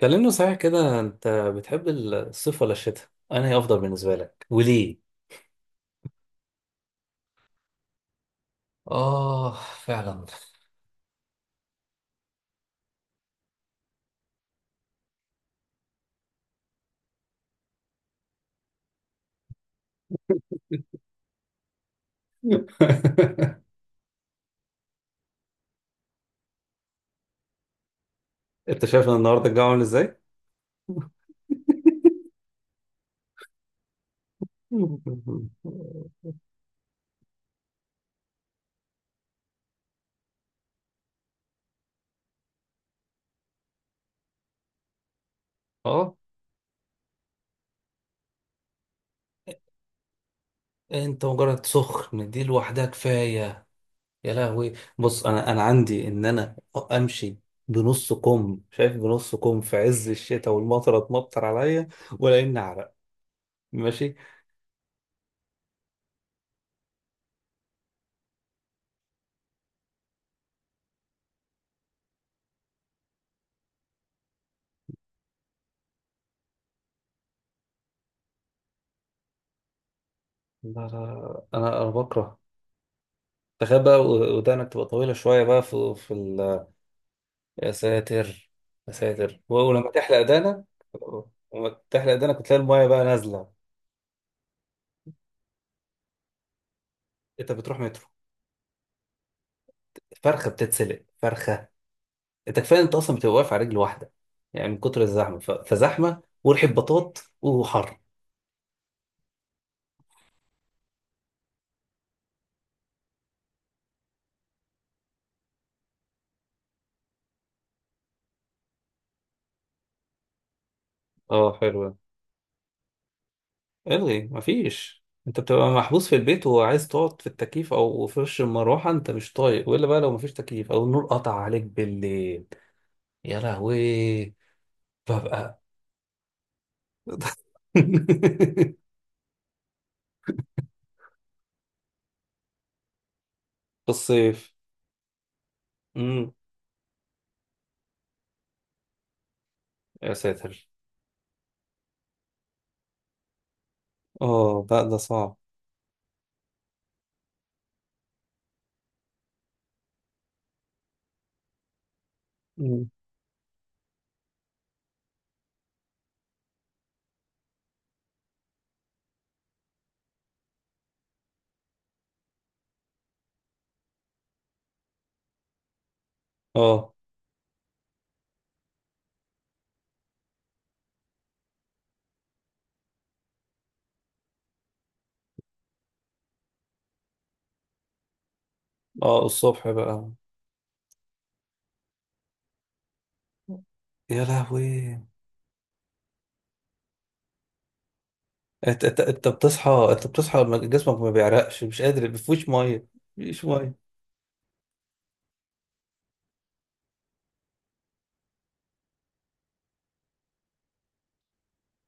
كلمني صحيح كده انت بتحب الصيف ولا الشتاء؟ انهي افضل بالنسبه لك؟ وليه؟ آه، فعلا. انت شايف ان النهارده الجو عامل ازاي؟ اه. انت مجرد سخن دي لوحدها كفايه. يا لهوي. بص، انا عندي ان انا امشي بنص كم، شايف بنص كم في عز الشتاء والمطره تمطر عليا ولا اني اعرق. ماشي. لا لا لا، انا بكره. تخيل بقى ودانك تبقى طويلة شوية بقى في يا ساتر، يا ساتر، ولما تحلق دانك، لما تحلق دانك وتلاقي المايه بقى نازلة. انت بتروح مترو؟ فرخة بتتسلق فرخة. انت كفاية انت اصلا بتبقى واقف على رجل واحدة يعني من كتر الزحمة فزحمة وريحة بطاط وحر. اه، حلو ده. الغي، مفيش. انت بتبقى محبوس في البيت وعايز تقعد في التكييف او في وش المروحة، انت مش طايق، والا بقى لو مفيش تكييف او النور قطع عليك بالليل. يا لهوي. ببقى في الصيف. امم يا ساتر. اه لا، ده صعب. مم. اه، اه، الصبح بقى. يا لهوي. انت بتصحى، جسمك ما بيعرقش، مش قادر، ما فيهوش ميه. مفيش ميه.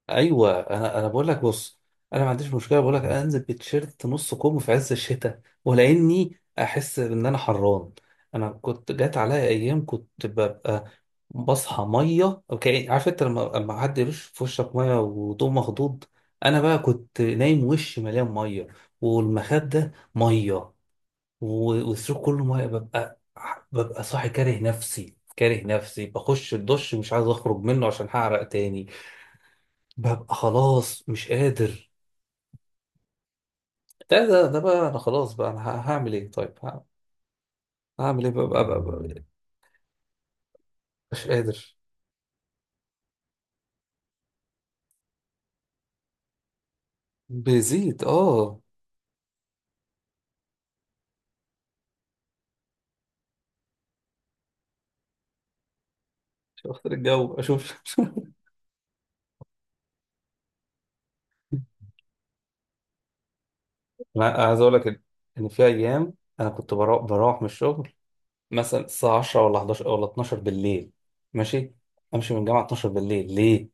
ايوه، انا بقول لك، بص، انا ما عنديش مشكله، بقول لك انزل بتيشيرت نص كم في عز الشتاء ولا اني احس ان انا حران. انا كنت جات عليا ايام كنت ببقى بصحى ميه، اوكي؟ عارف انت لما حد يرش في وشك ميه وتقوم مخضوض؟ انا بقى كنت نايم وشي مليان ميه، والمخاد ده ميه، والسرير كله ميه. ببقى، صاحي كاره نفسي، كاره نفسي، بخش الدش مش عايز اخرج منه عشان هعرق تاني. ببقى خلاص مش قادر. ده بقى انا خلاص، هعمل ايه طيب؟ هعمل ايه بقى، بقى، بقى، بقى؟ مش قادر. بيزيد، اه. شفت الجو، اشوف. انا عايز اقول لك إن في ايام انا كنت بروح من الشغل مثلا الساعه 10 ولا 11 ولا 12 بالليل. ماشي. امشي من الجامعه 12 بالليل ليه؟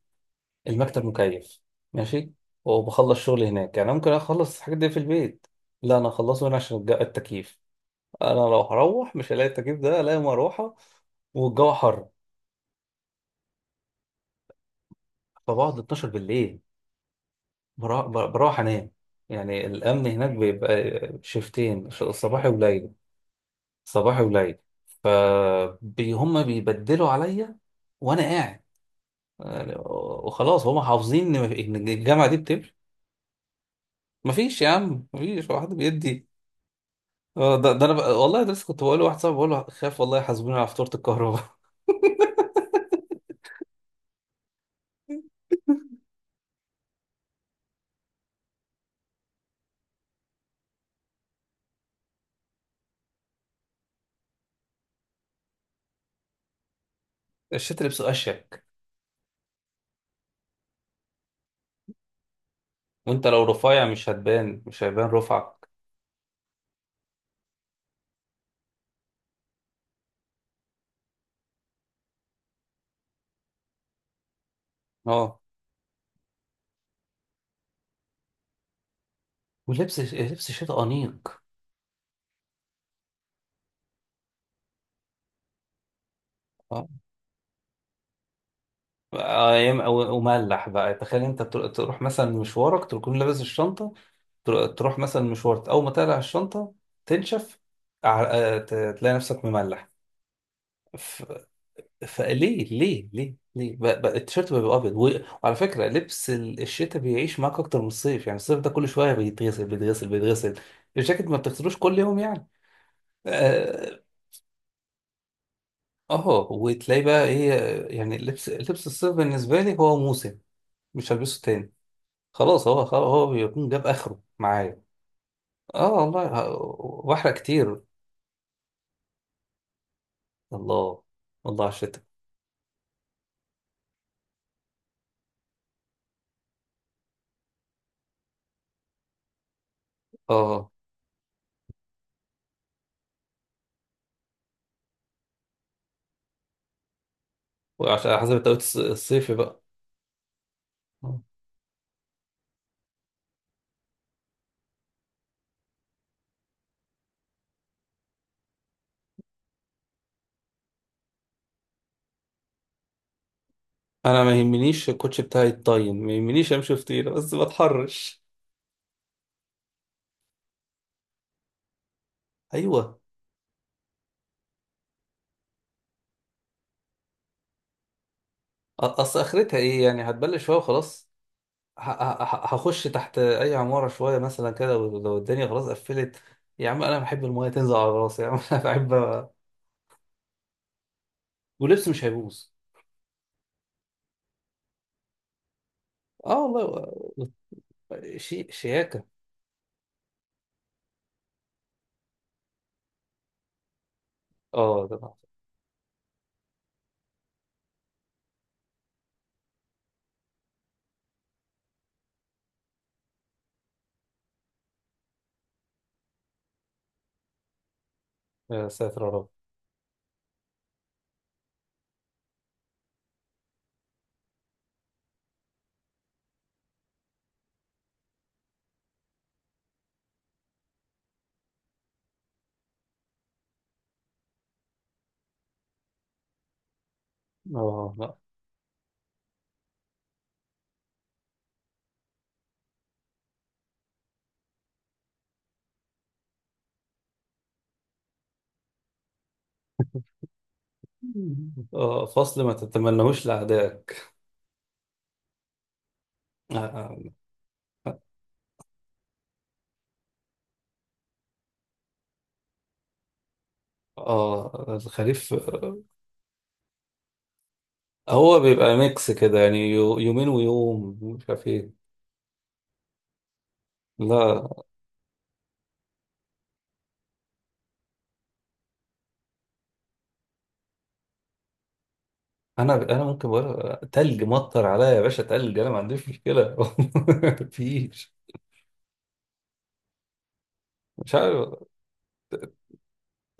المكتب مكيف، ماشي، وبخلص شغلي هناك. يعني ممكن اخلص الحاجات دي في البيت، لا، انا اخلصه هنا عشان التكييف. انا لو هروح مش هلاقي التكييف ده، الاقي مروحه، والجو حر. فبقعد 12 بالليل، بروح انام. يعني الامن هناك بيبقى شيفتين، صباحي وليل، صباحي وليل، فهم بيبدلوا عليا وانا قاعد، يعني، وخلاص هم حافظين ان إن الجامعه دي بتمشي. مفيش يا عم، مفيش واحد بيدي. آه، ده, ده انا والله ده لسه كنت بقول لواحد صاحبي، بقول له خاف والله يحاسبوني على فاتوره الكهرباء. الشتا لبسه اشيك. وانت لو رفيع مش هتبان، مش هيبان رفعك. اه، ولبس شيء انيق. اه، آه، وملح بقى. تخيل انت تروح مثلا مشوارك تكون لابس الشنطه، تروح مثلا مشوارك، اول ما تقلع الشنطه تنشف، ع- آه، ت- تلاقي نفسك مملح. ف... فليه، ليه، ليه، ليه بقى التيشيرت بيبقى ابيض وعلى فكره لبس الشتاء بيعيش معاك اكتر من الصيف، يعني الصيف ده كل شويه بيتغسل، بيتغسل، بيتغسل. الجاكيت ما بتغسلوش كل يوم يعني. آه، اه وتلاقي بقى ايه؟ يعني لبس الصيف بالنسبه لي هو موسم، مش هلبسه تاني، خلاص هو، بيكون جاب اخره معايا. اه والله. واحرق كتير. الله، والله على الشتا. اه، وعشان على حسب التوقيت الصيفي بقى. آه. انا ما يهمنيش الكوتش بتاعي يتطين، ما يهمنيش امشي في طينه، بس ما اتحرش. ايوه، اصل اخرتها ايه؟ يعني هتبلش شويه وخلاص. هخش تحت اي عماره شويه مثلا كده، ولو الدنيا خلاص قفلت، يا عم انا بحب المايه تنزل على راسي، يا عم، انا بحب. ولبس مش هيبوظ. اه والله. شياكه. اه ده، نعم. يا ساتر يا رب. اه لا، آه، فصل ما تتمنهوش لأعدائك. آه، آه. آه، الخريف، آه. هو بيبقى ميكس كده، يعني يومين ويوم مش عارف ايه. لا، انا ممكن بقول تلج مطر عليا يا باشا، تلج، انا ما عنديش مشكله. مفيش. مش عارف.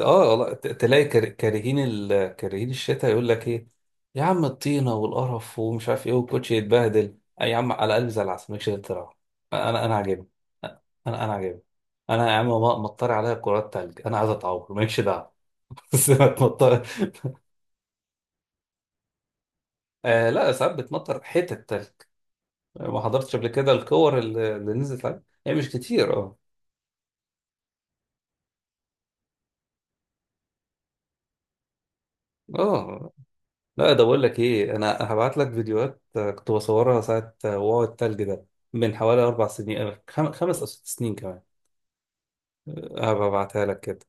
اه والله، تلاقي كار- كارهين ال... كارهين الشتاء يقول لك ايه، يا عم، الطينه والقرف ومش عارف ايه، والكوتش يتبهدل. آه يا عم، على الاقل زي العسل، مالكش غير تروح. انا عاجبني، انا عاجبني. انا يا عم، مطر عليا كرات تلج، انا عايز اتعور مالكش دعوه، بس ما تمطر. آه لا، ساعات بتمطر حتت تلج. ما حضرتش قبل كده الكور اللي نزلت عليها؟ هي مش كتير، آه. اه لا، ده بقول لك ايه، انا هبعت لك فيديوهات، آه، كنت بصورها ساعه، آه، وقوع التلج ده، من حوالي اربع سنين، آه، خمس او ست سنين كمان. هبعتها لك كده.